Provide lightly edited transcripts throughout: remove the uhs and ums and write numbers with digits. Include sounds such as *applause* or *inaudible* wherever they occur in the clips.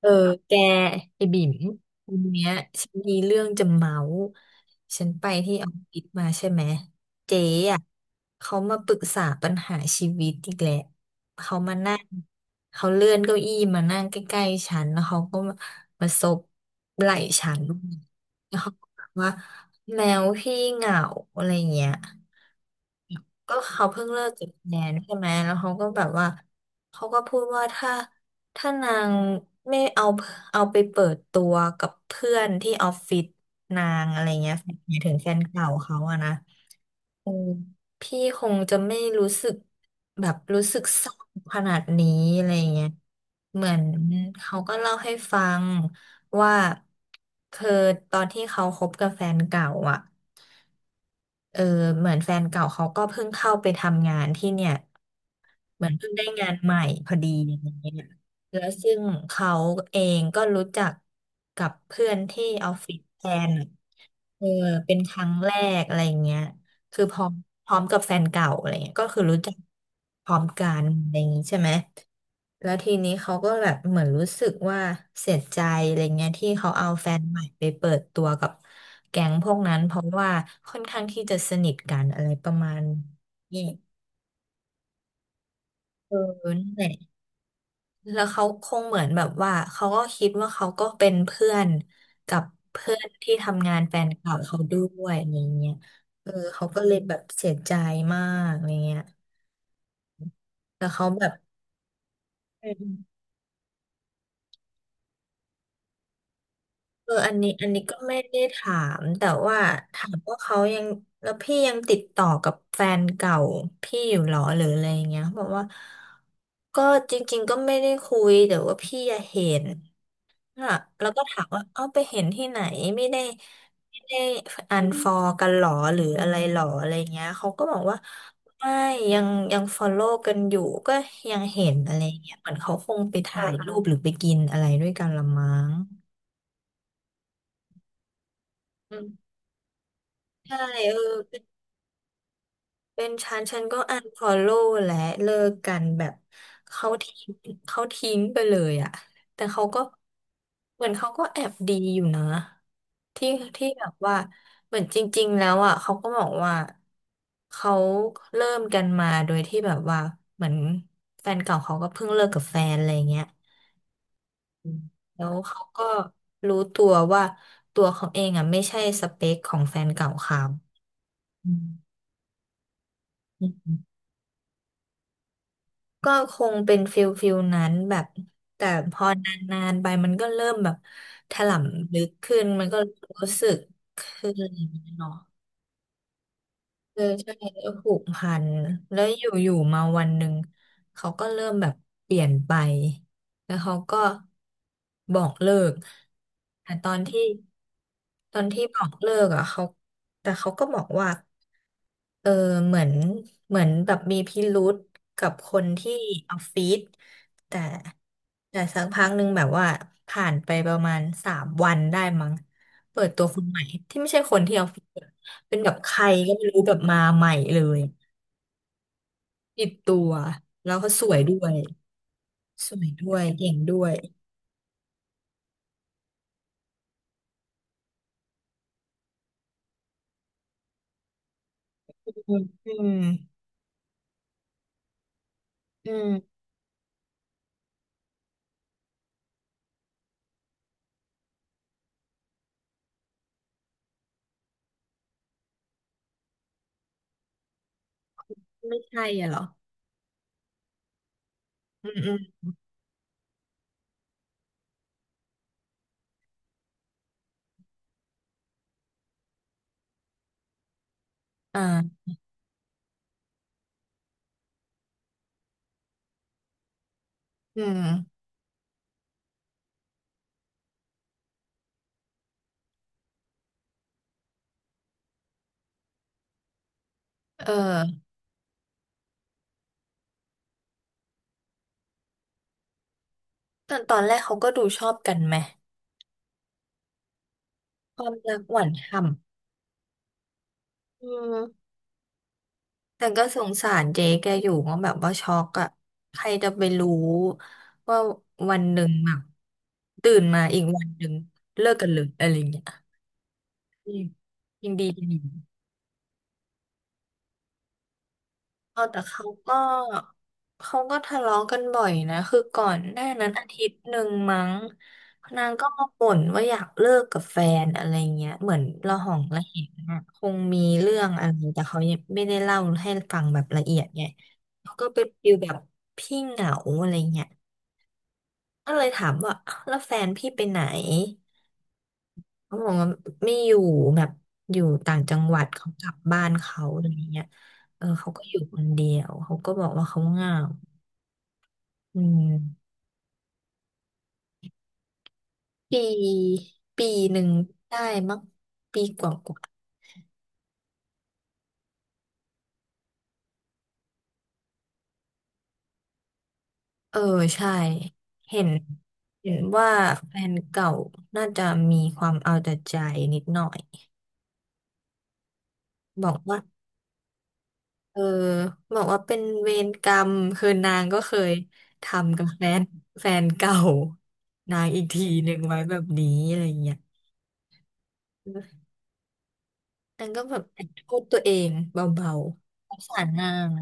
เออแกไอ้บิ่มวันเนี้ยฉันมีเรื่องจะเมาส์ฉันไปที่ออฟฟิศมาใช่ไหมเจ๊อ่ะเขามาปรึกษาปัญหาชีวิตอีกแหละเขามานั่งเขาเลื่อนเก้าอี้มานั่งใกล้ๆฉันแล้วเขาก็มาซบไหล่ฉันแล้วเขาก็บอกว่าแมวพี่เหงาอะไรเงี้ย ก็เขาเพิ่งเลิกกับแนนใช่ไหมแล้วเขาก็แบบว่าเขาก็พูดว่าถ้านางไม่เอาเอาไปเปิดตัวกับเพื่อนที่ออฟฟิศนางอะไรเงี้ยหมายถึงแฟนเก่าเขาอะนะอือพี่คงจะไม่รู้สึกแบบรู้สึกเศร้าขนาดนี้อะไรเงี้ยเหมือนเขาก็เล่าให้ฟังว่าคือตอนที่เขาคบกับแฟนเก่าอะเออเหมือนแฟนเก่าเขาก็เพิ่งเข้าไปทำงานที่เนี่ย เหมือนเพิ่งได้งานใหม่พอดีอะไรเงี้ยแล้วซึ่งเขาเองก็รู้จักกับเพื่อนที่ออฟฟิศแทนอะเออเป็นครั้งแรกอะไรเงี้ยคือพร้อมกับแฟนเก่าอะไรเงี้ยก็คือรู้จักพร้อมกันอะไรอย่างงี้ใช่ไหม แล้วทีนี้เขาก็แบบเหมือนรู้สึกว่าเสียใจอะไรเงี้ยที่เขาเอาแฟนใหม่ไปเปิดตัวกับแก๊งพวกนั้นเพราะว่าค่อนข้างที่จะสนิทกันอะไรประมาณนี้เออนั่นแหละ แล้วเขาคงเหมือนแบบว่าเขาก็คิดว่าเขาก็เป็นเพื่อนกับเพื่อนที่ทำงานแฟนเก่าเขาด้วยอะไรเงี้ยเออเขาก็เลยแบบเสียใจมากอะไรเงี้ยแต่เขาแบบ เอออันนี้ก็ไม่ได้ถามแต่ว่าถามว่าเขายังแล้วพี่ยังติดต่อกับแฟนเก่าพี่อยู่หรอหรืออะไรอย่างเงี้ยเขาบอกว่าก็จริงๆก็ไม่ได้คุยแต่ว่าพี่อะเห็นอ่ะแล้วก็ถามว่าเอาไปเห็นที่ไหนไม่ได้ไม่ได้อันฟอลกันหรอหรืออะไรหรออะไรเงี้ยเขาก็บอกว่าไม่ยังยังฟอลโล่กันอยู่ก็ยังเห็นอะไรเงี้ยเหมือนเขาคงไปถ่ายรูปหรือไปกินอะไรด้วยกันละมั้ง ใช่เออเป็นเป็นฉันก็อันฟอลโล่และเลิกกันแบบเขาทิ้งเขาทิ้งไปเลยอะแต่เขาก็เหมือนเขาก็แอบดีอยู่นะที่ที่แบบว่าเหมือนจริงๆแล้วอะเขาก็บอกว่าเขาเริ่มกันมาโดยที่แบบว่าเหมือนแฟนเก่าเขาก็เพิ่งเลิกกับแฟนอะไรเงี้ยอืมแล้วเขาก็รู้ตัวว่าตัวเขาเองอ่ะไม่ใช่สเปคของแฟนเก่าเขาอืม ก็คงเป็นฟิลนั้นแบบแต่พอนานๆไปมันก็เริ่มแบบถลำลึกขึ้นมันก็รู้สึกขึ้นเนาะ เออใช่ผูกพันแล้วอยู่ๆมาวันหนึ่งเขาก็เริ่มแบบเปลี่ยนไปแล้วเขาก็บอกเลิกแต่ตอนที่บอกเลิกอ่ะเขาแต่เขาก็บอกว่าเออเหมือนเหมือนแบบมีพิรุธกับคนที่ออฟฟิศแต่แต่สักพักหนึ่งแบบว่าผ่านไปประมาณ3 วันได้มั้ง เปิดตัวคนใหม่ที่ไม่ใช่คนที่ออฟฟิศเป็นแบบใครก็ไม่รู้แบบมาใหม่เลยติดตัวแล้วก็สวยด้วยสวยด้วยเก่งด้วยอืมอืมอืมไม่ใช่อะเหรออืมอืมอ่าอืมเออตอนแรกเขาก็ดูชอบกันไหมความรักหวานฉ่ำอืมแต่ก็สงสารเจ๊แกอยู่ว่าแบบว่าช็อกอะใครจะไปรู้ว่าวันหนึ่งแบบตื่นมาอีกวันหนึ่งเลิกกันเลยอะไรเงี้ย อืมยินดียินดีเออแต่เขาก็ทะเลาะกันบ่อยนะคือก่อนหน้านั้นอาทิตย์หนึ่งมั้งนางก็มาบ่นว่าอยากเลิกกับแฟนอะไรเงี้ยเหมือนระหองระแหงอะคงมีเรื่องอะไรแต่เขายังไม่ได้เล่าให้ฟังแบบละเอียดไงเขาก็เป็นฟีลแบบพี่เหงาอะไรเงี้ยก็เลยถามว่าอ้าวแล้วแฟนพี่ไปไหน เขาบอกว่าไม่อยู่แบบอยู่ต่างจังหวัดเขากลับบ้านเขาอะไรเงี้ยเออเขาก็อยู่คนเดียวเขาก็บอกว่าเขาเหงาอืมปีปีหนึ่งได้มั้งปีกว่ากว่าเออใช่เห็นเห็นว่าแฟนเก่าน่าจะมีความเอาแต่ใจนิดหน่อยบอกว่า เออบอกว่าเป็นเวรกรรม *laughs* คือนางก็เคยทำกับแฟนเก่านางอีกทีหนึ่งไว้แบบนี้อะไรเงี้ยเออนางก็แบบแอบโทษตัวเองเบาๆสงสารนาง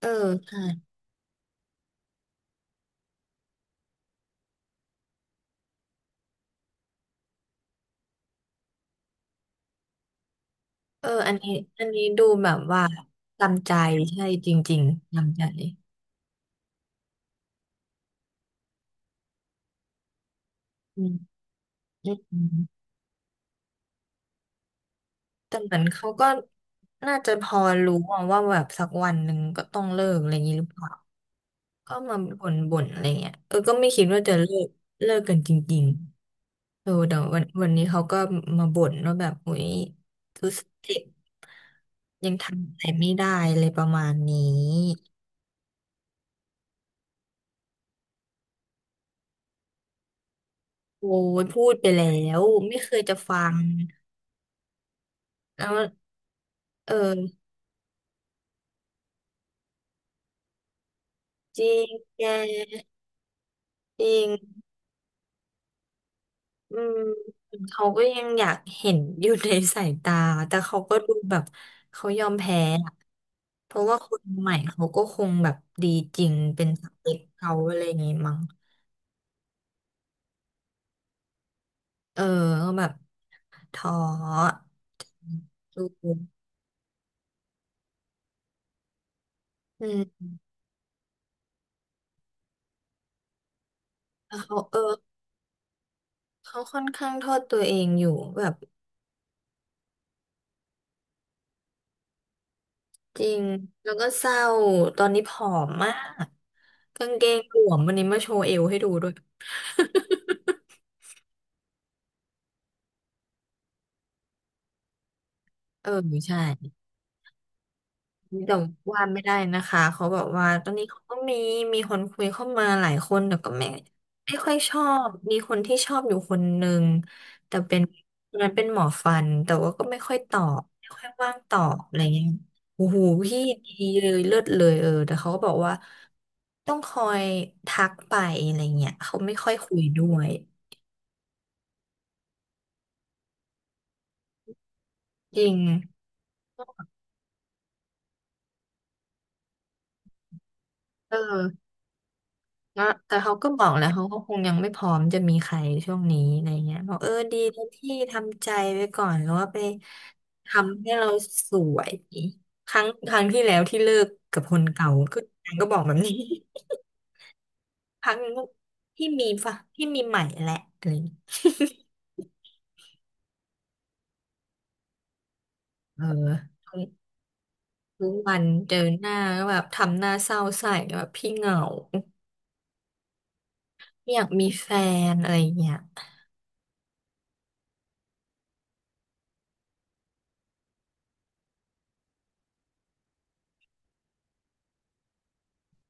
เออใช่เอออันนี้ดูแบบว่าจำใจใช่จริงๆจำใจอืมอืมแต่เหมือนเขาก็น่าจะพอรู้อะว่าแบบสักวันหนึ่งก็ต้องเลิกอะไรอย่างนี้หรือเปล่า ก็มาบ่นอะไรเงี้ยเออ ก็ไม่คิดว่าจะเลิกกันจริงๆเออแต่วันนี้เขาก็มาบ่นว่าแบบอุ๊ยรู้สึกเจ็บยังทำอะไรไม่ได้อะไรประมาณนี้โอ้ยพูดไปแล้วไม่เคยจะฟังแล้วเออจริงแกจริง อืมเขาก็ยังอยากเห็นอยู่ในสายตาแต่เขาก็ดูแบบเขายอมแพ้อะเพราะว่าคนใหม่เขาก็คงแบบดีจริงเป็นสเปคเขาอะไรอย่างงี้มั้งเออก็แบบท้อดูอืมแล้วเขาเออเขาค่อนข้างโทษตัวเองอยู่แบบจริงแล้วก็เศร้าตอนนี้ผอมมากกางเกงหลวมวันนี้มาโชว์เอวให้ดูด้วย *laughs* เออใช่ แต่ว่าไม่ได้นะคะเขาบอกว่าตอนนี้เขาก็มีคนคุยเข้ามาหลายคนแต่ก็ไม่ค่อยชอบมีคนที่ชอบอยู่คนหนึ่งแต่เป็นคนนั้นเป็นหมอฟันแต่ว่าก็ไม่ค่อยตอบไม่ค่อยว่างตอบอะไรเงี้ยโอ้โหพี่ดีเลยเลิศเลยเออแต่เขาก็บอกว่าต้องคอยทักไปอะไรเงี้ยเขาไม่ค่อยคุยด้วยจริงเออ แล้วแต่เขาก็บอกแล้วเขาก็คงยังไม่พร้อมจะมีใครช่วงนี้อะไรเงี้ยบอกเออดีแล้วที่ทำใจไว้ก่อนแล้วว่าไปทำให้เราสวยครั้งที่แล้วที่เลิกกับคนเก่าก็นางก็บอกแบบนี้ *laughs* ครั้งนี้ที่มีฝ่ะที่มีใหม่แหละอะไรอย่างเงี้ย *laughs* เออทุกวันเจอหน้าก็แบบทำหน้าเศร้าใส่แบบพี่เหงา *laughs* ไม่อยากมีแฟนอะไรเงี้ย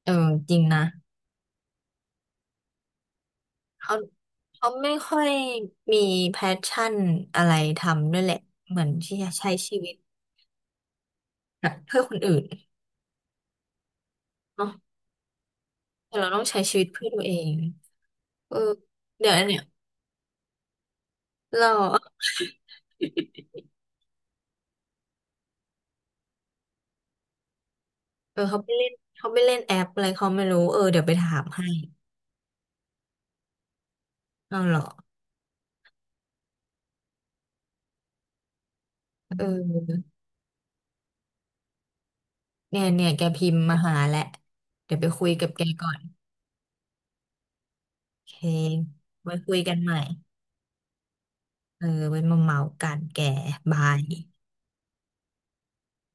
เออจริงนะ เขาเขาไม่ค่อยมีแพชชั่นอะไรทำด้วยแหละเหมือนที่จะใช้ชีวิตแบบเพื่อคนอื่นเนาะแต่เราต้องใช้ชีวิตเพื่อตัวเองเออเดี๋ยวเนี่ยเราเออเขาไปเล่นแอปอะไรเขาไม่รู้เออเดี๋ยวไปถามให้เอาเหรอเออเนี่ยแกพิมพ์มาหาแหละเดี๋ยวไปคุยกับแกก่อนโอเคไว้คุยกันใหม่เออไว้มาเมากันแกบาย